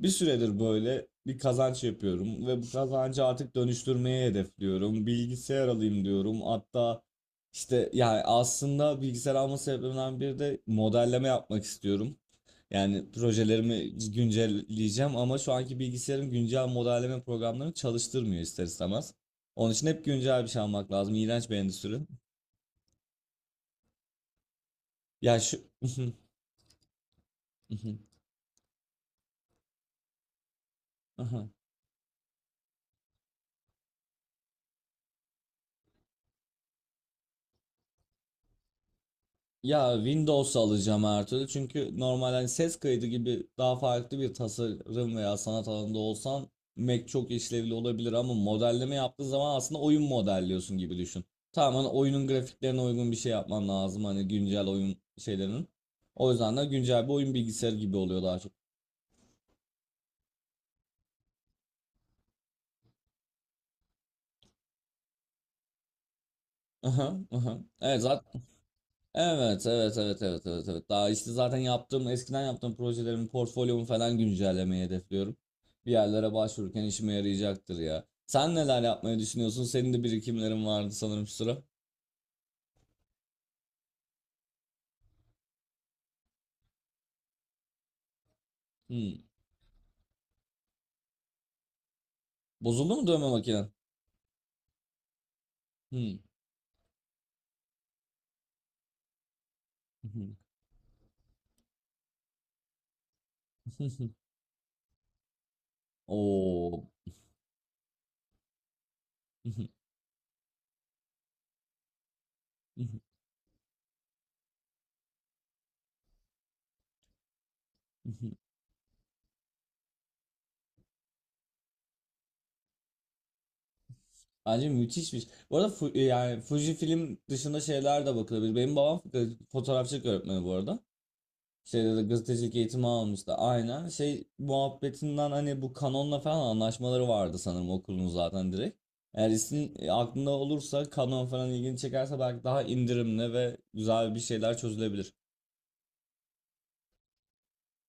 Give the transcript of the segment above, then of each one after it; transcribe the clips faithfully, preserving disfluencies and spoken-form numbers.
Bir süredir böyle bir kazanç yapıyorum ve bu kazancı artık dönüştürmeye hedefliyorum. Bilgisayar alayım diyorum. Hatta işte yani aslında bilgisayar alma sebeplerimden biri de modelleme yapmak istiyorum. Yani projelerimi güncelleyeceğim ama şu anki bilgisayarım güncel modelleme programlarını çalıştırmıyor ister istemez. Onun için hep güncel bir şey almak lazım. İğrenç bir endüstri. Ya şu... Ya Windows alacağım her türlü çünkü normal hani ses kaydı gibi daha farklı bir tasarım veya sanat alanında olsan Mac çok işlevli olabilir ama modelleme yaptığın zaman aslında oyun modelliyorsun gibi düşün. Tamamen oyunun grafiklerine uygun bir şey yapman lazım hani güncel oyun şeylerinin. O yüzden de güncel bir oyun bilgisayarı gibi oluyor daha çok. Aha, aha. Evet zaten evet, evet, evet, evet, evet, evet. Daha işte zaten yaptığım, eskiden yaptığım projelerin portfolyomu falan güncellemeyi hedefliyorum. Bir yerlere başvururken işime yarayacaktır ya. Sen neler yapmayı düşünüyorsun? Senin de birikimlerin vardı sanırım şu sıra. Hmm. Bozuldu mu dövme makinen? Hmm. Oo. Bence müthişmiş. Bu arada Fu- yani Fuji film dışında şeyler de bakılabilir. Benim babam fotoğrafçılık öğretmeni bu arada. Şeyde de gazetecilik eğitimi almıştı. Aynen. Şey muhabbetinden hani bu kanonla falan anlaşmaları vardı sanırım okulun zaten direkt. Eğer isim e, aklında olursa kanon falan ilgini çekerse belki daha indirimli ve güzel bir şeyler çözülebilir.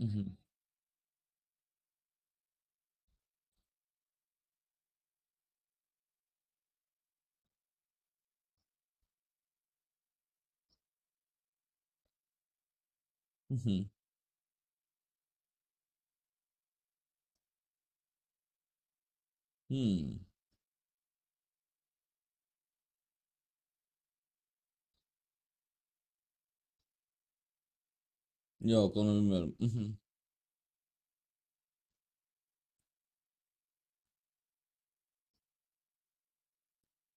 Hı hı. Hı hı. Hmm. Yok onu bilmiyorum. Mhm.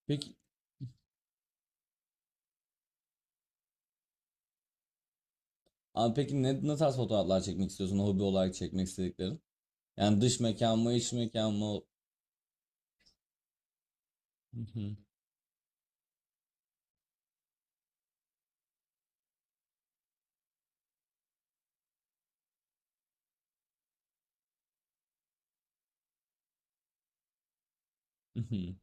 Peki, aa, peki ne, ne tarz fotoğraflar çekmek istiyorsun hobi olarak çekmek istediklerin? Yani dış mekan mı iç mekan mı? Mhm, mhm,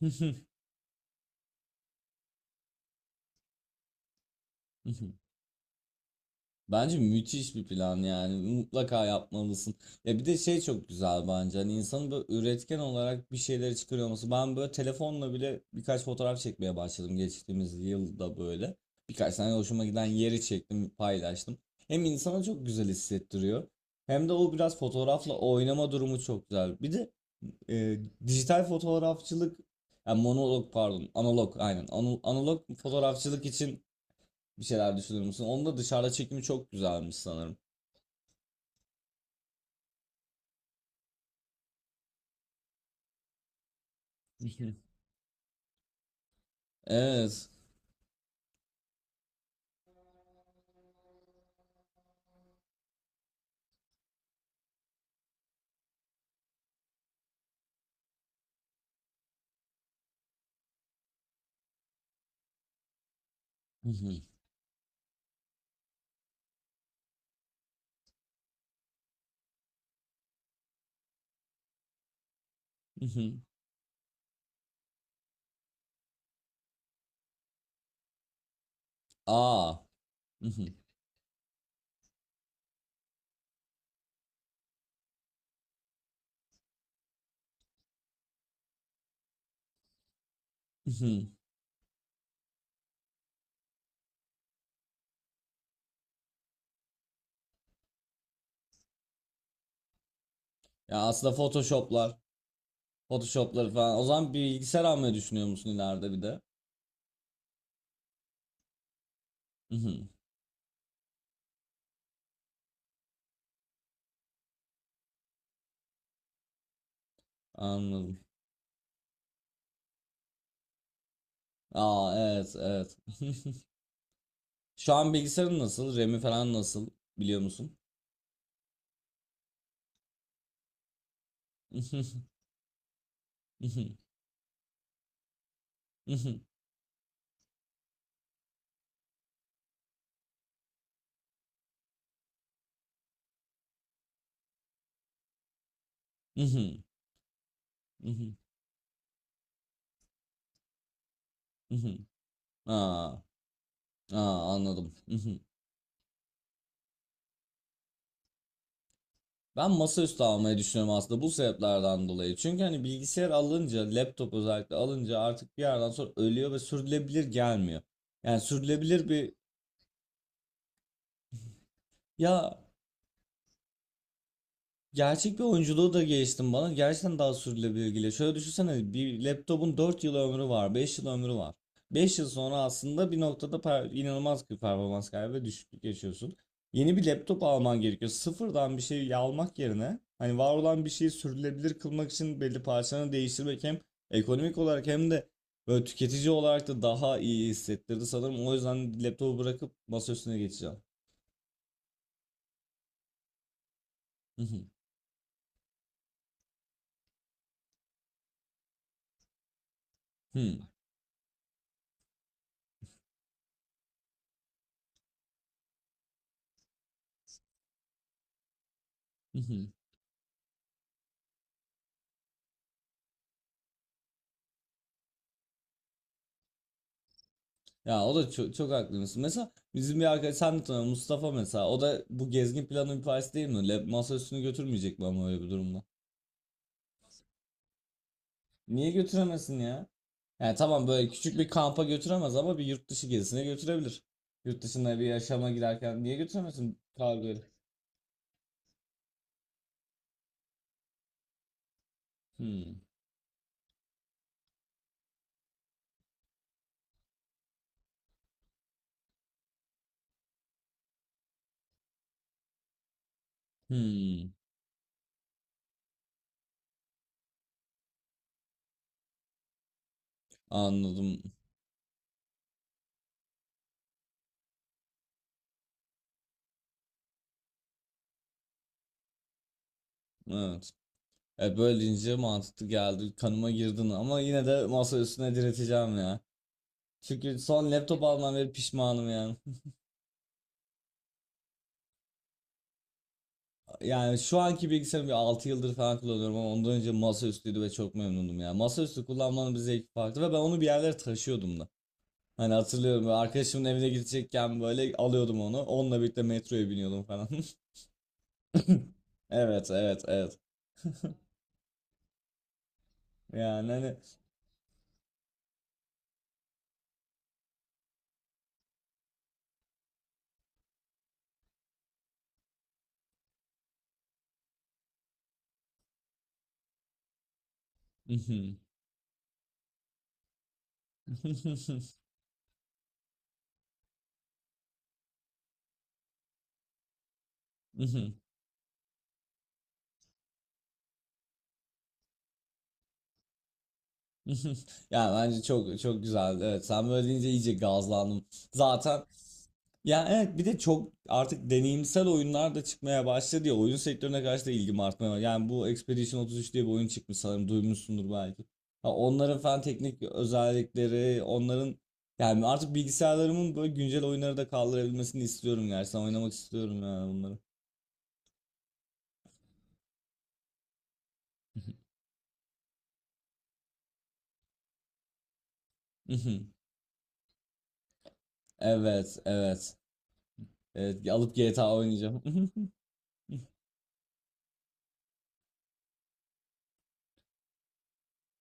mhm, mhm. Bence müthiş bir plan yani mutlaka yapmalısın. Ya bir de şey çok güzel bence hani insanın böyle üretken olarak bir şeyleri çıkarıyor olması. Ben böyle telefonla bile birkaç fotoğraf çekmeye başladım geçtiğimiz yılda böyle. Birkaç tane hoşuma giden yeri çektim paylaştım. Hem insana çok güzel hissettiriyor hem de o biraz fotoğrafla oynama durumu çok güzel. Bir de e, dijital fotoğrafçılık yani monolog pardon analog aynen Ana- analog fotoğrafçılık için bir şeyler düşünür müsün? Onun da dışarıda çekimi çok güzelmiş sanırım. Evet. Aa. Ya aslında Photoshop'lar, Photoshop'ları falan. O zaman bir bilgisayar almayı düşünüyor musun ileride bir de? Anladım. Aa, evet, evet. Şu an bilgisayarın nasıl? R A M'i falan nasıl? Biliyor musun? Aa, aa, anladım. Ben masaüstü almayı düşünüyorum aslında bu sebeplerden dolayı. Çünkü hani bilgisayar alınca, laptop özellikle alınca artık bir yerden sonra ölüyor ve sürdürülebilir gelmiyor. Yani sürdürülebilir bir ya, gerçek bir oyunculuğu da geliştim bana. Gerçekten daha sürdürülebilir geliyor. Şöyle düşünsene bir laptopun dört yıl ömrü var, beş yıl ömrü var. Beş yıl sonra aslında bir noktada per- inanılmaz bir performans kaybı ve düşüklük yaşıyorsun. Yeni bir laptop alman gerekiyor. Sıfırdan bir şey almak yerine hani var olan bir şeyi sürdürülebilir kılmak için belli parçalarını değiştirmek hem ekonomik olarak hem de böyle tüketici olarak da daha iyi hissettirdi sanırım. O yüzden laptopu bırakıp masa üstüne geçeceğim. Ya o da çok, çok haklısın. Mesela bizim bir arkadaş sen de tanıyorsun, Mustafa mesela. O da bu gezgin planının bir parçası değil mi? Lab masa üstünü götürmeyecek mi ama öyle bir durumda? Niye götüremesin ya? Yani tamam böyle küçük bir kampa götüremez ama bir yurt dışı gezisine götürebilir. Yurt dışında bir yaşama girerken niye götüremesin kargoyu? Hmm. Hmm. Anladım. Evet. E böyle deyince mantıklı geldi. Kanıma girdin ama yine de masa üstüne direteceğim ya. Çünkü son laptop almam ve pişmanım yani. Yani şu anki bilgisayarımı bir altı yıldır falan kullanıyorum ama ondan önce masaüstüydü ve çok memnundum ya. Masaüstü kullanmanın bir zevki farklı ve ben onu bir yerlere taşıyordum da. Hani hatırlıyorum böyle arkadaşımın evine gidecekken böyle alıyordum onu. Onunla birlikte metroya biniyordum falan. Evet, evet, evet. Yani hani yani bence çok çok güzel. Evet, sen böyle deyince iyice gazlandım. Zaten ya evet bir de çok artık deneyimsel oyunlar da çıkmaya başladı ya oyun sektörüne karşı da ilgim artmaya başladı. Yani bu Expedition otuz üç diye bir oyun çıkmış sanırım duymuşsundur belki. Ha, onların falan teknik özellikleri onların yani artık bilgisayarlarımın böyle güncel oyunları da kaldırabilmesini istiyorum gerçekten oynamak istiyorum yani bunları. Evet, evet, evet, alıp G T A oynayacağım.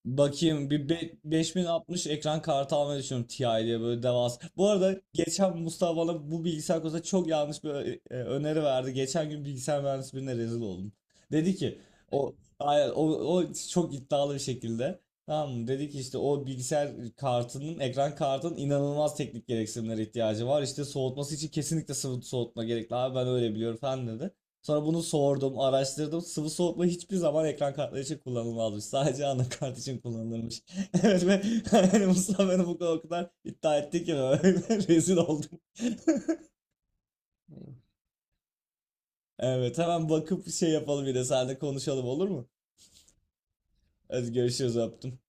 Bakayım bir be- beş bin altmış ekran kartı almayı düşünüyorum Ti diye böyle devasa. Bu arada geçen Mustafa bana bu bilgisayar konusunda çok yanlış bir ö- e, öneri verdi. Geçen gün bilgisayar mühendisi birine rezil oldum. Dedi ki o aynen, o, o çok iddialı bir şekilde. Tamam mı? Dedi ki işte o bilgisayar kartının ekran kartının inanılmaz teknik gereksinimlere ihtiyacı var. İşte soğutması için kesinlikle sıvı soğutma gerekli abi ben öyle biliyorum falan dedi. Sonra bunu sordum, araştırdım. Sıvı soğutma hiçbir zaman ekran kartları için kullanılmazmış. Sadece anakart için kullanılırmış. Evet ve yani Mustafa beni bu kadar, o kadar iddia etti ki böyle rezil oldum. Evet hemen bakıp şey yapalım bir de seninle konuşalım olur mu? Hadi görüşürüz öptüm.